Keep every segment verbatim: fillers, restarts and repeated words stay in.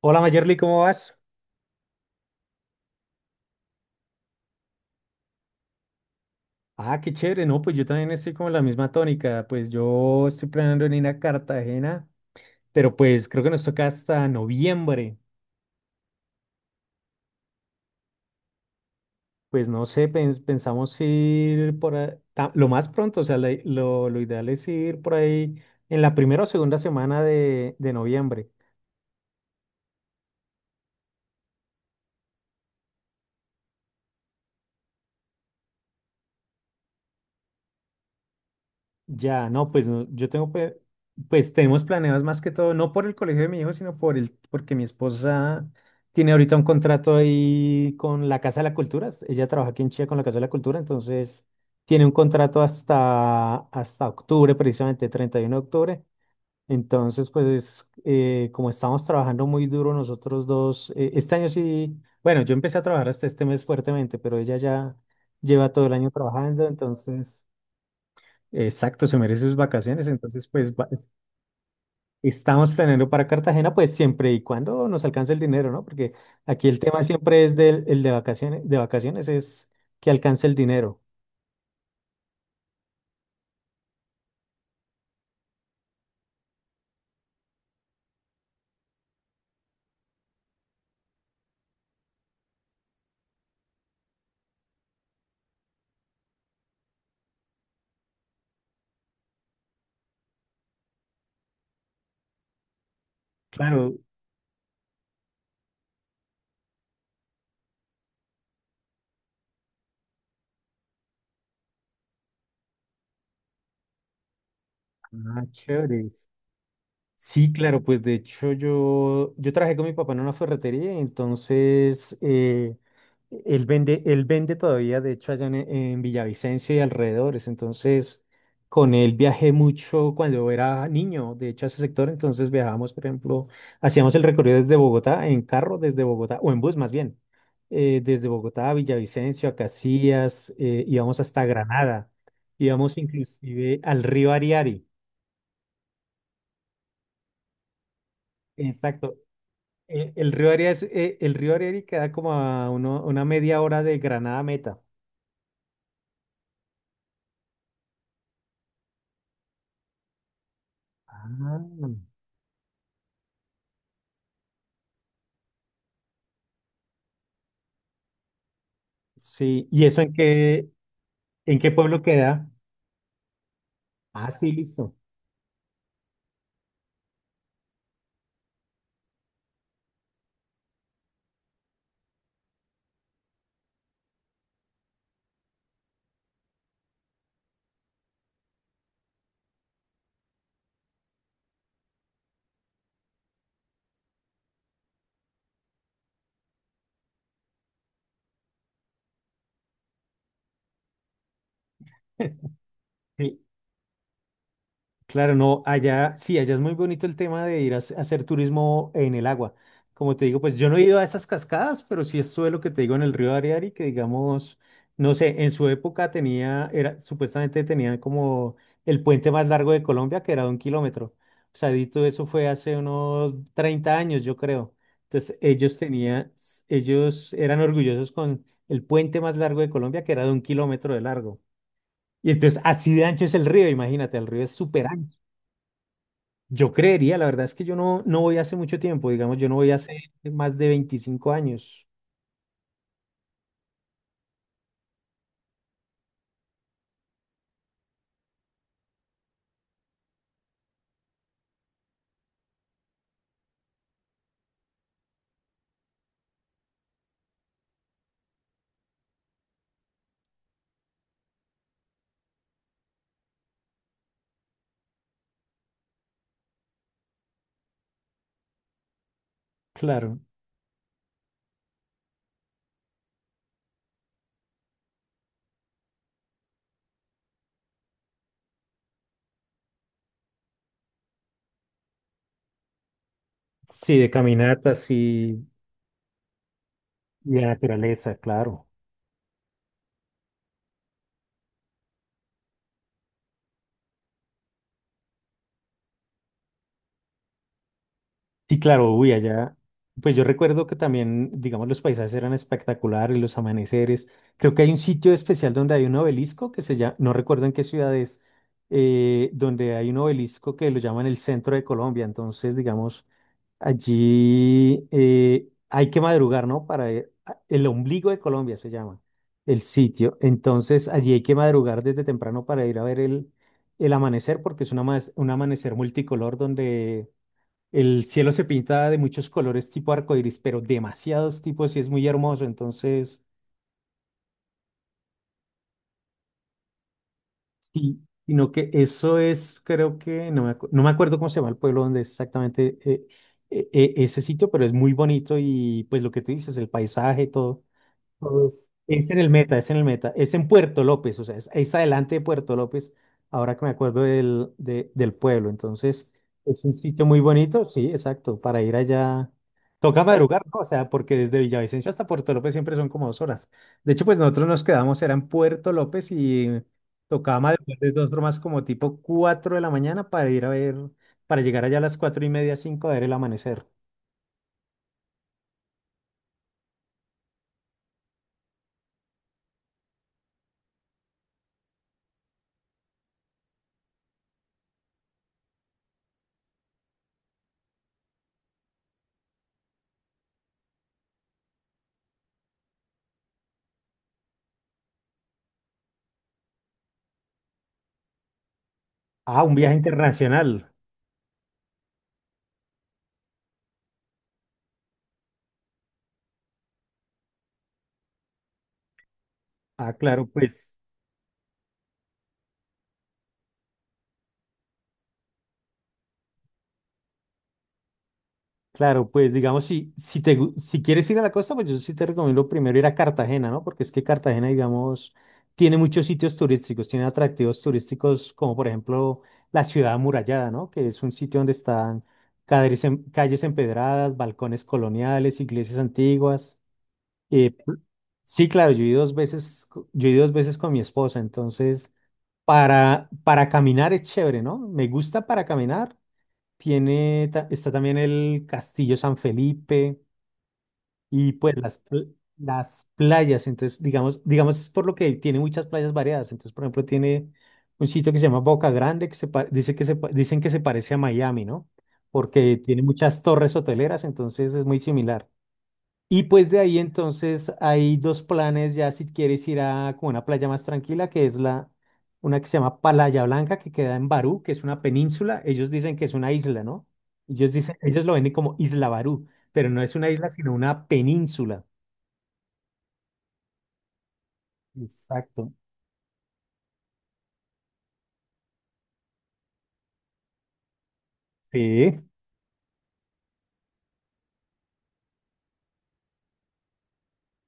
Hola Mayerly, ¿cómo vas? Ah, qué chévere, no, pues yo también estoy como en la misma tónica. Pues yo estoy planeando en ir a Cartagena, pero pues creo que nos toca hasta noviembre. Pues no sé, pens- pensamos ir por a- ta- lo más pronto. O sea, la- lo, lo ideal es ir por ahí en la primera o segunda semana de, de noviembre. Ya, no, pues no, yo tengo, pe- pues, tenemos planeadas más que todo, no por el colegio de mi hijo, sino por el, porque mi esposa tiene ahorita un contrato ahí con la Casa de la Cultura. s- Ella trabaja aquí en Chile con la Casa de la Cultura. Entonces tiene un contrato hasta, hasta octubre, precisamente treinta y uno de octubre. Entonces, pues eh, como estamos trabajando muy duro nosotros dos, eh, este año sí, bueno, yo empecé a trabajar hasta este mes fuertemente, pero ella ya lleva todo el año trabajando, entonces... Exacto, se merece sus vacaciones. Entonces, pues va- es- estamos planeando para Cartagena, pues siempre y cuando nos alcance el dinero, ¿no? Porque aquí el tema siempre es del el de vacaciones, de vacaciones es que alcance el dinero. Claro, ah, chévere. Sí, claro, pues de hecho yo, yo trabajé con mi papá en una ferretería. Entonces eh, él vende, él vende todavía, de hecho, allá en, en Villavicencio y alrededores. Entonces con él viajé mucho cuando era niño, de hecho, a ese sector. Entonces viajábamos, por ejemplo, hacíamos el recorrido desde Bogotá, en carro desde Bogotá, o en bus más bien, eh, desde Bogotá a Villavicencio, a Casillas, eh, íbamos hasta Granada, íbamos inclusive al río Ariari. Exacto. Eh, el río Arira es, eh, el río Ariri queda como a uno- una media hora de Granada a Meta. Ah. Sí, ¿y eso en qué, en qué pueblo queda? Ah, sí, listo. Sí, claro, no, allá, sí, allá es muy bonito el tema de ir a, hac- hacer turismo en el agua. Como te digo, pues yo no he ido a esas cascadas, pero sí estuve lo que te digo en el río Ariari, que digamos, no sé, en su época tenía, era, supuestamente tenían como el puente más largo de Colombia, que era de un kilómetro. O sea, dito eso fue hace unos treinta años, yo creo. Entonces, ellos tenían, ellos eran orgullosos con el puente más largo de Colombia, que era de un kilómetro de largo. Y entonces, así de ancho es el río, imagínate, el río es súper ancho. Yo creería, la verdad es que yo no, no voy hace mucho tiempo. Digamos, yo no voy hace más de veinticinco años. Claro. Sí, de caminatas y, y de naturaleza, claro. Y claro, uy, allá, pues yo recuerdo que también, digamos, los paisajes eran espectaculares, los amaneceres. Creo que hay un sitio especial donde hay un obelisco que se llama, no recuerdo en qué ciudad es, eh, donde hay un obelisco que lo llaman el centro de Colombia. Entonces, digamos, allí eh, hay que madrugar, ¿no? Para ir a- el ombligo de Colombia se llama el sitio. Entonces allí hay que madrugar desde temprano para ir a ver el, el amanecer, porque es un amas- un amanecer multicolor donde el cielo se pinta de muchos colores tipo arcoíris, pero demasiados tipos y es muy hermoso. Entonces, sí, sino que eso es, creo que, no me, acu- no me acuerdo cómo se llama el pueblo donde es exactamente eh, e- e- ese sitio, pero es muy bonito y pues lo que tú dices, el paisaje, todo. Pues, es en el Meta, es en el Meta, es en Puerto López. O sea, es, es adelante de Puerto López, ahora que me acuerdo del, de- del pueblo. Entonces, es un sitio muy bonito, sí, exacto, para ir allá. Toca madrugar, ¿no? O sea, porque desde Villavicencio hasta Puerto López siempre son como dos horas. De hecho, pues nosotros nos quedamos, era en Puerto López y tocaba madrugar de dos formas como tipo cuatro de la mañana para ir a ver, para llegar allá a las cuatro y media, cinco a ver el amanecer. Ah, un viaje internacional. Ah, claro, pues claro. Pues digamos, si, si, te, gu- si quieres ir a la costa, pues yo sí te recomiendo primero ir a Cartagena, ¿no? Porque es que Cartagena, digamos, tiene muchos sitios turísticos, tiene atractivos turísticos como por ejemplo la ciudad amurallada, ¿no? Que es un sitio donde están calles, em- calles empedradas, balcones coloniales, iglesias antiguas. eh, pl- sí, claro, yo he ido dos veces, co- yo he ido dos veces con mi esposa. Entonces para, para caminar es chévere, ¿no? Me gusta para caminar. Tiene, ta- está también el Castillo San Felipe y pues las, pl- las playas. Entonces, digamos, digamos, es por lo que tiene muchas playas variadas. Entonces, por ejemplo, tiene un sitio que se llama Boca Grande, que se pa- dice que se, pa- dicen que se parece a Miami, ¿no? Porque tiene muchas torres hoteleras, entonces es muy similar. Y pues de ahí entonces hay dos planes ya si quieres ir a como una playa más tranquila, que es la una que se llama Playa Blanca, que queda en Barú, que es una península. Ellos dicen que es una isla, ¿no? Ellos dicen, ellos lo ven como Isla Barú, pero no es una isla, sino una península. Exacto. Sí.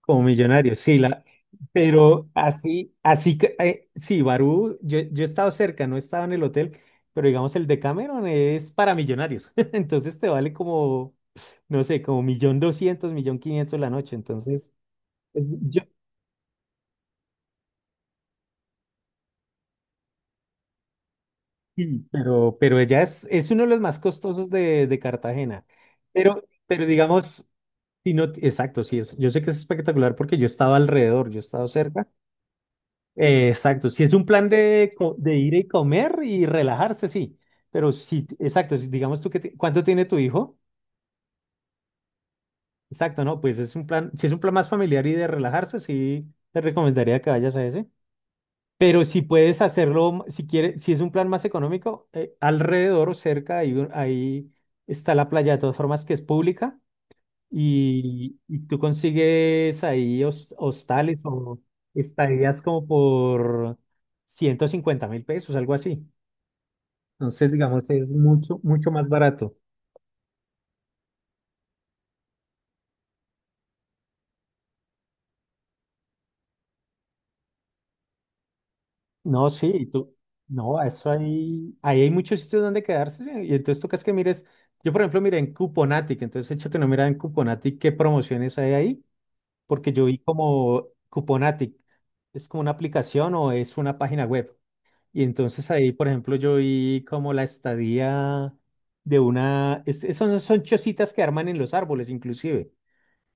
Como millonario, sí, la, pero así, así que, eh, sí, Barú, yo, yo he estado cerca, no he estado en el hotel, pero digamos el de Cameron es para millonarios, entonces te vale como, no sé, como millón doscientos, millón quinientos la noche. Entonces, eh, yo, sí, pero, pero ella es, es uno de los más costosos de, de Cartagena, pero, pero digamos, si no, exacto, sí, es, yo sé que es espectacular porque yo he estado alrededor, yo he estado cerca. Eh, exacto, si es un plan de, co- de ir y comer y relajarse, sí, pero sí, exacto, si digamos tú que, ti- ¿cuánto tiene tu hijo? Exacto, no, pues es un plan, si es un plan más familiar y de relajarse, sí, te recomendaría que vayas a ese. Pero si puedes hacerlo, m- si quieres, si es un plan más económico, eh, alrededor o cerca, hay un- ahí, está la playa de todas formas que es pública y, y tú consigues ahí hos- hostales o estadías como por ciento cincuenta mil pesos, algo así. Entonces, digamos, es mucho, mucho más barato. No, sí, y tú, no, eso ahí, ahí hay muchos sitios donde quedarse, sí. Y entonces tocas que mires. Yo por ejemplo miré en Cuponatic. Entonces échate una mirada en Cuponatic, qué promociones hay ahí, porque yo vi como Cuponatic, es como una aplicación o es una página web. Y entonces ahí por ejemplo yo vi como la estadía de una, es- es- son, son chocitas que arman en los árboles inclusive.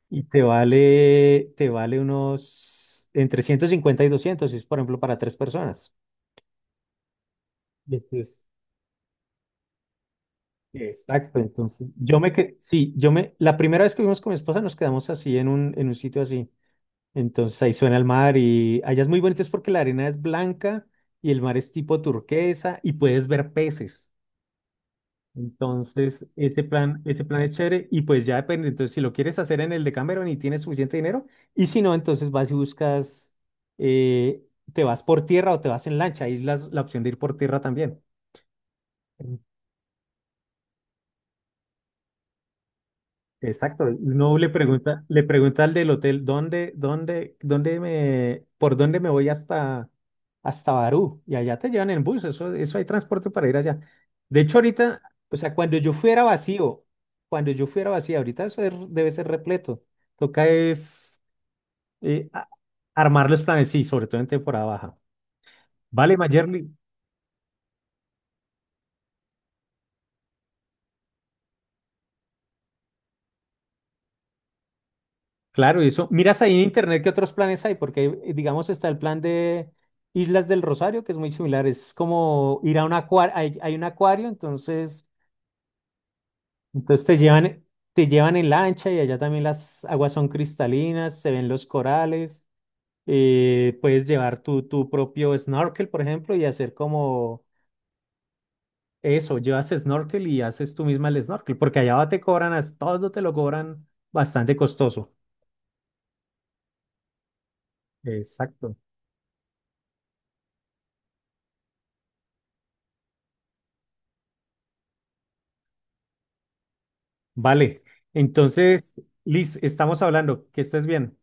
Y te vale, te vale unos entre ciento cincuenta y doscientos si es por ejemplo para tres personas. Y entonces- exacto. Entonces yo me que sí, yo me, la primera vez que vimos con mi esposa nos quedamos así en un, en un sitio así. Entonces ahí suena el mar y allá es muy bonito es porque la arena es blanca y el mar es tipo turquesa y puedes ver peces. Entonces, ese plan, ese plan es chévere y pues ya depende. Entonces, si lo quieres hacer en el de Cameron y tienes suficiente dinero, y si no, entonces vas y buscas, eh, te vas por tierra o te vas en lancha. Ahí es la, la opción de ir por tierra también. Exacto, no le pregunta, le pregunta al del hotel, ¿dónde, dónde, dónde me, ¿por dónde me voy hasta, hasta Barú? Y allá te llevan en bus, eso, eso hay transporte para ir allá. De hecho, ahorita, o sea, cuando yo fuera vacío, cuando yo fuera vacío, ahorita eso es- debe ser repleto. Toca es eh, a- armar los planes, sí, sobre todo en temporada baja. Vale, Mayerly. Claro, y eso. Miras ahí en internet qué otros planes hay, porque eh, digamos está el plan de Islas del Rosario, que es muy similar. Es como ir a un acuario, hay, hay un acuario. Entonces, entonces te llevan, te llevan en lancha y allá también las aguas son cristalinas, se ven los corales. eh, puedes llevar tu, tu propio snorkel, por ejemplo, y hacer como eso, llevas snorkel y haces tú misma el snorkel, porque allá te cobran, as- todo te lo cobran bastante costoso. Exacto. Vale. Entonces, Liz, estamos hablando. Que estés bien.